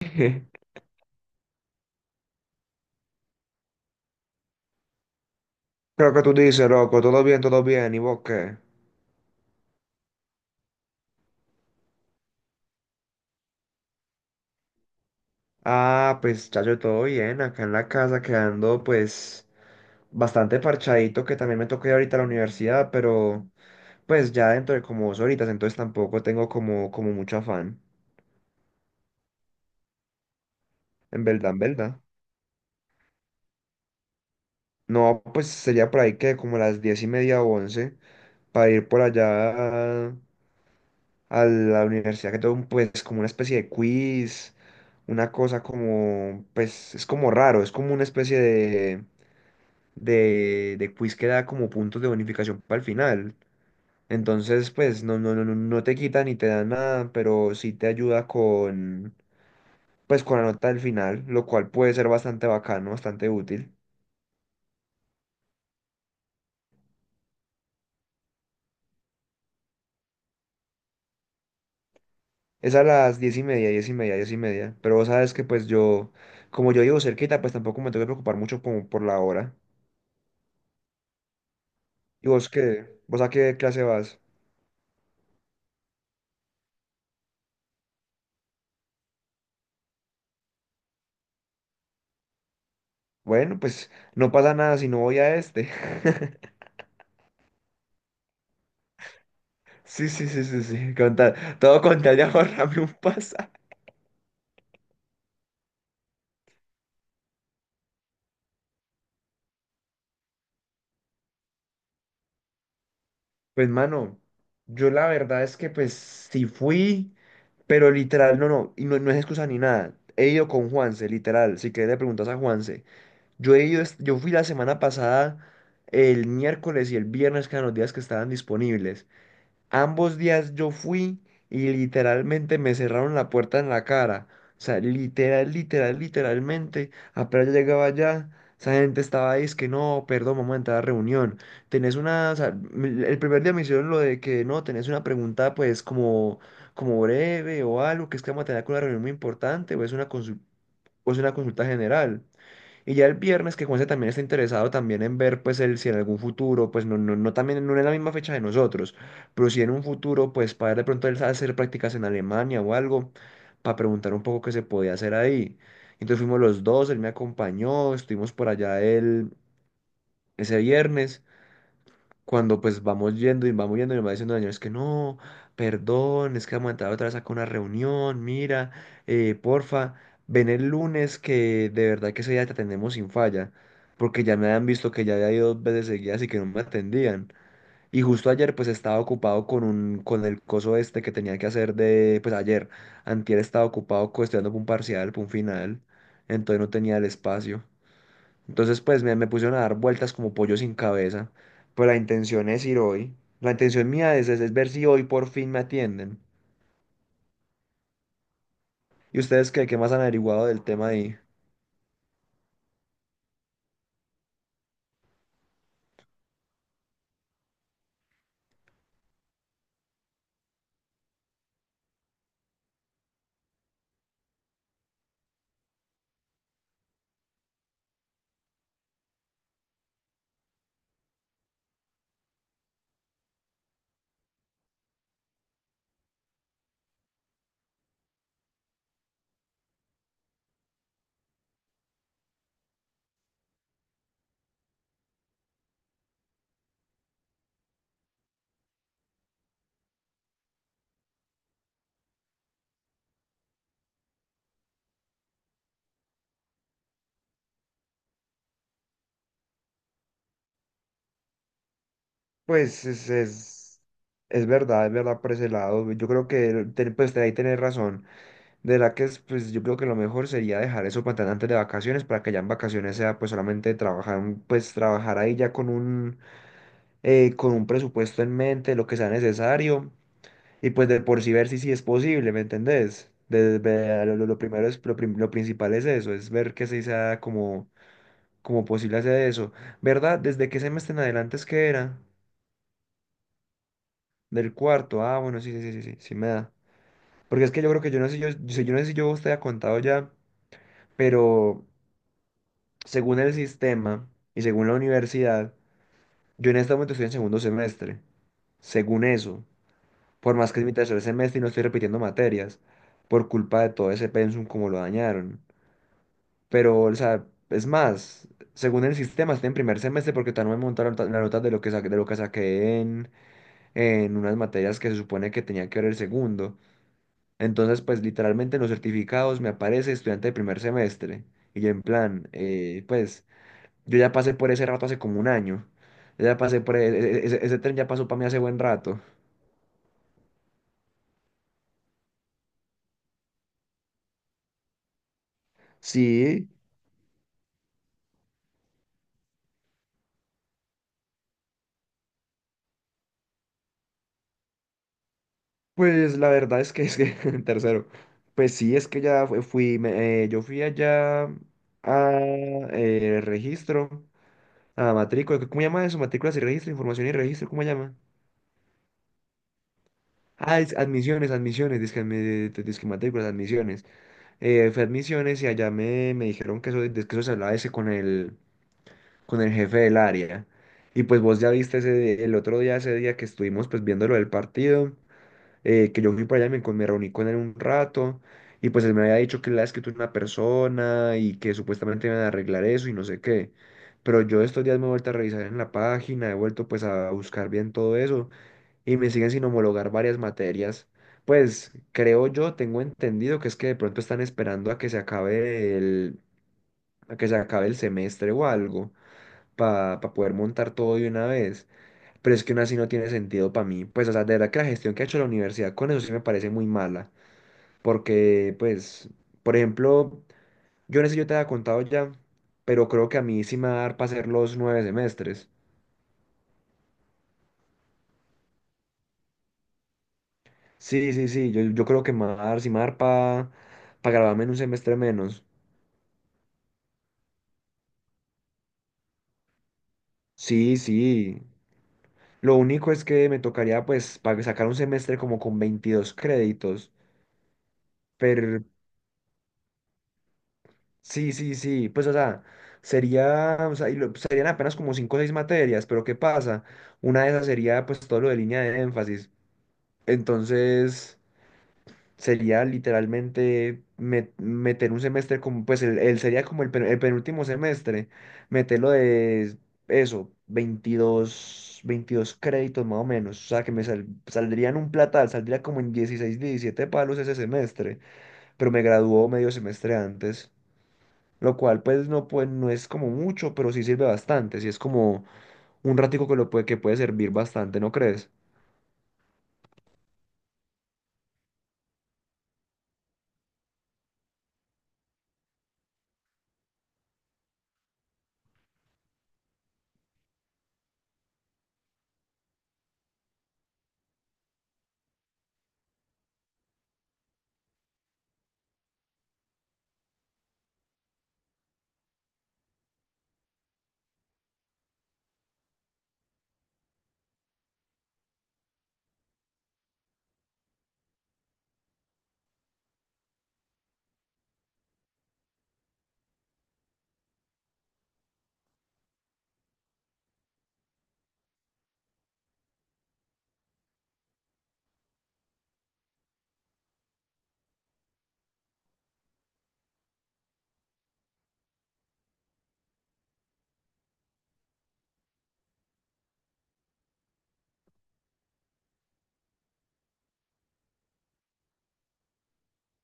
Creo que tú dices, loco, todo bien, ¿y vos qué? Ah, pues chacho, todo bien, acá en la casa quedando pues bastante parchadito, que también me toca ir ahorita a la universidad, pero pues ya dentro de como dos horitas, entonces tampoco tengo como mucho afán, en verdad, en verdad. No, pues sería por ahí que como las diez y media o once, para ir por allá a la universidad que pues como una especie de quiz, una cosa como, pues es como raro, es como una especie de quiz que da como puntos de bonificación para el final. Entonces, pues no, no, no, no no te quita ni te da nada, pero sí te ayuda con, pues con la nota del final, lo cual puede ser bastante bacano, bastante útil. Es a las diez y media, diez y media, diez y media. Pero vos sabes que pues yo, como yo vivo cerquita, pues tampoco me tengo que preocupar mucho como por la hora. ¿Y vos qué? ¿Vos a qué clase vas? Bueno, pues no pasa nada si no voy a este. Sí, sí, sí, sí, sí. Todo con tal de ahorrarme un pasaje. Pues, mano, yo la verdad es que pues sí fui, pero literal, no, no, y no, no es excusa ni nada. He ido con Juanse, literal. Si querés le preguntas a Juanse. Yo he ido, yo fui la semana pasada, el miércoles y el viernes, que eran los días que estaban disponibles. Ambos días yo fui y literalmente me cerraron la puerta en la cara. O sea, literal, literal, literalmente. Apenas yo llegaba allá, esa gente estaba ahí, es que no, perdón, vamos a entrar a reunión. Tenés una, o sea, el primer día me hicieron lo de que no, tenés una pregunta pues como breve o algo, que es que vamos a tener una reunión muy importante o es una consulta general. Y ya el viernes que Juanse también está interesado también en ver pues el, si en algún futuro, pues no también no en la misma fecha de nosotros, pero si en un futuro pues para de pronto él sabe hacer prácticas en Alemania o algo, para preguntar un poco qué se podía hacer ahí. Entonces fuimos los dos, él me acompañó, estuvimos por allá él ese viernes cuando pues vamos yendo y me va diciendo Daniel, es que no, perdón, es que vamos a entrar otra vez acá a una reunión, mira, porfa, ven el lunes que de verdad que ese día te atendemos sin falla, porque ya me habían visto que ya había ido dos veces seguidas y que no me atendían. Y justo ayer pues estaba ocupado con un, con el coso este que tenía que hacer de, pues ayer, antier estaba ocupado estudiando para un parcial, para un final, entonces no tenía el espacio. Entonces, pues me pusieron a dar vueltas como pollo sin cabeza. Pero la intención es ir hoy. La intención mía es ver si hoy por fin me atienden. ¿Y ustedes qué, más han averiguado del tema ahí? Pues es verdad, es verdad por ese lado. Yo creo que pues, ahí tenés razón. De la que es, pues yo creo que lo mejor sería dejar eso para tan antes de vacaciones, para que ya en vacaciones sea pues solamente trabajar, pues trabajar ahí ya con un presupuesto en mente, lo que sea necesario. Y pues de por sí ver si sí es posible, ¿me entendés? Lo primero es, lo, prim- lo principal es eso, es ver que sí sea como posible hacer eso. ¿Verdad? ¿Desde qué semestre en adelante es que era? Del cuarto. Ah, bueno, sí, sí, sí, sí, sí, sí me da. Porque es que yo creo que yo no sé, yo no sé si yo te había contado ya, pero según el sistema y según la universidad, yo en este momento estoy en segundo semestre según eso, por más que es mi tercer semestre y no estoy repitiendo materias, por culpa de todo ese pensum como lo dañaron. Pero, o sea, es más, según el sistema, estoy en primer semestre porque todavía no me montaron la nota de lo que saqué, en unas materias que se supone que tenía que ver el segundo. Entonces, pues literalmente en los certificados me aparece estudiante de primer semestre. Y yo en plan, pues yo ya pasé por ese rato hace como un año. Yo ya pasé por ese tren, ya pasó para mí hace buen rato. Sí, pues la verdad es que en tercero. Pues sí, es que ya fui, yo fui allá a registro, a matrícula. ¿Cómo llama eso? Matrículas y registro, información y registro, ¿cómo llama? Ah, es admisiones, dizque, dizque matrículas, admisiones. Fui admisiones y allá me dijeron que eso, de que eso se hablaba ese con el jefe del área. Y pues vos ya viste el otro día, ese día que estuvimos pues viendo lo del partido, que yo fui para allá y me reuní con él un rato y pues él me había dicho que él había escrito una persona y que supuestamente iban a arreglar eso y no sé qué. Pero yo estos días me he vuelto a revisar en la página, he vuelto pues a buscar bien todo eso y me siguen sin homologar varias materias. Pues creo yo, tengo entendido que es que de pronto están esperando a que se acabe el semestre o algo para poder montar todo de una vez. Pero es que aún así no tiene sentido para mí. Pues, o sea, de verdad que la gestión que ha hecho la universidad con eso sí me parece muy mala. Porque, pues, por ejemplo, yo no sé si yo te había contado ya, pero creo que a mí sí me va a dar para hacer los nueve semestres. Sí, sí, sí, yo creo que me va a dar, sí me va a dar para graduarme en un semestre menos. Sí, sí. Lo único es que me tocaría, pues, para sacar un semestre como con 22 créditos. Pero sí, sí, sí, pues o sea, sería, o sea, y serían apenas como cinco o seis materias, pero ¿qué pasa? Una de esas sería pues todo lo de línea de énfasis. Entonces, sería literalmente meter un semestre como, pues el, sería como el, el penúltimo semestre, meterlo de eso, veintidós créditos más o menos. O sea, que me saldrían un platal, saldría como en 16, 17 palos ese semestre, pero me graduó medio semestre antes, lo cual pues no es como mucho, pero sí sirve bastante, sí es como un ratico que puede servir bastante, ¿no crees?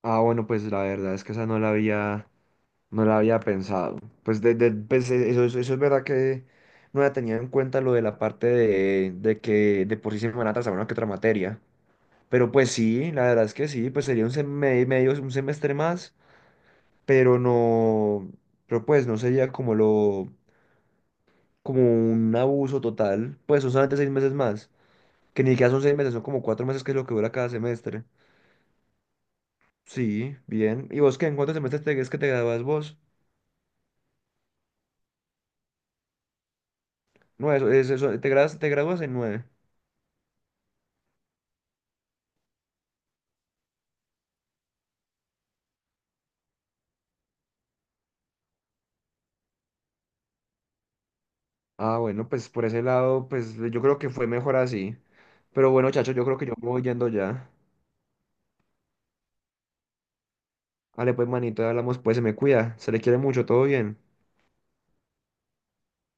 Ah, bueno, pues la verdad es que esa no la había pensado. Pues, eso es verdad que no había tenido en cuenta lo de la parte de que de por sí se me van a atrasar una que otra materia. Pero pues sí, la verdad es que sí, pues sería un semestre más, pero no, pero pues no sería como un abuso total, pues son solamente seis meses más. Que ni siquiera son seis meses, son como cuatro meses que es lo que dura cada semestre. Sí, bien. ¿Y vos qué? ¿En cuántos semestres es que te gradúas vos? No, eso, es eso, te gradúas en nueve. Ah, bueno, pues por ese lado, pues yo creo que fue mejor así. Pero bueno, chacho, yo creo que yo me voy yendo ya. Vale, pues manito, hablamos, pues se me cuida. Se le quiere mucho, todo bien.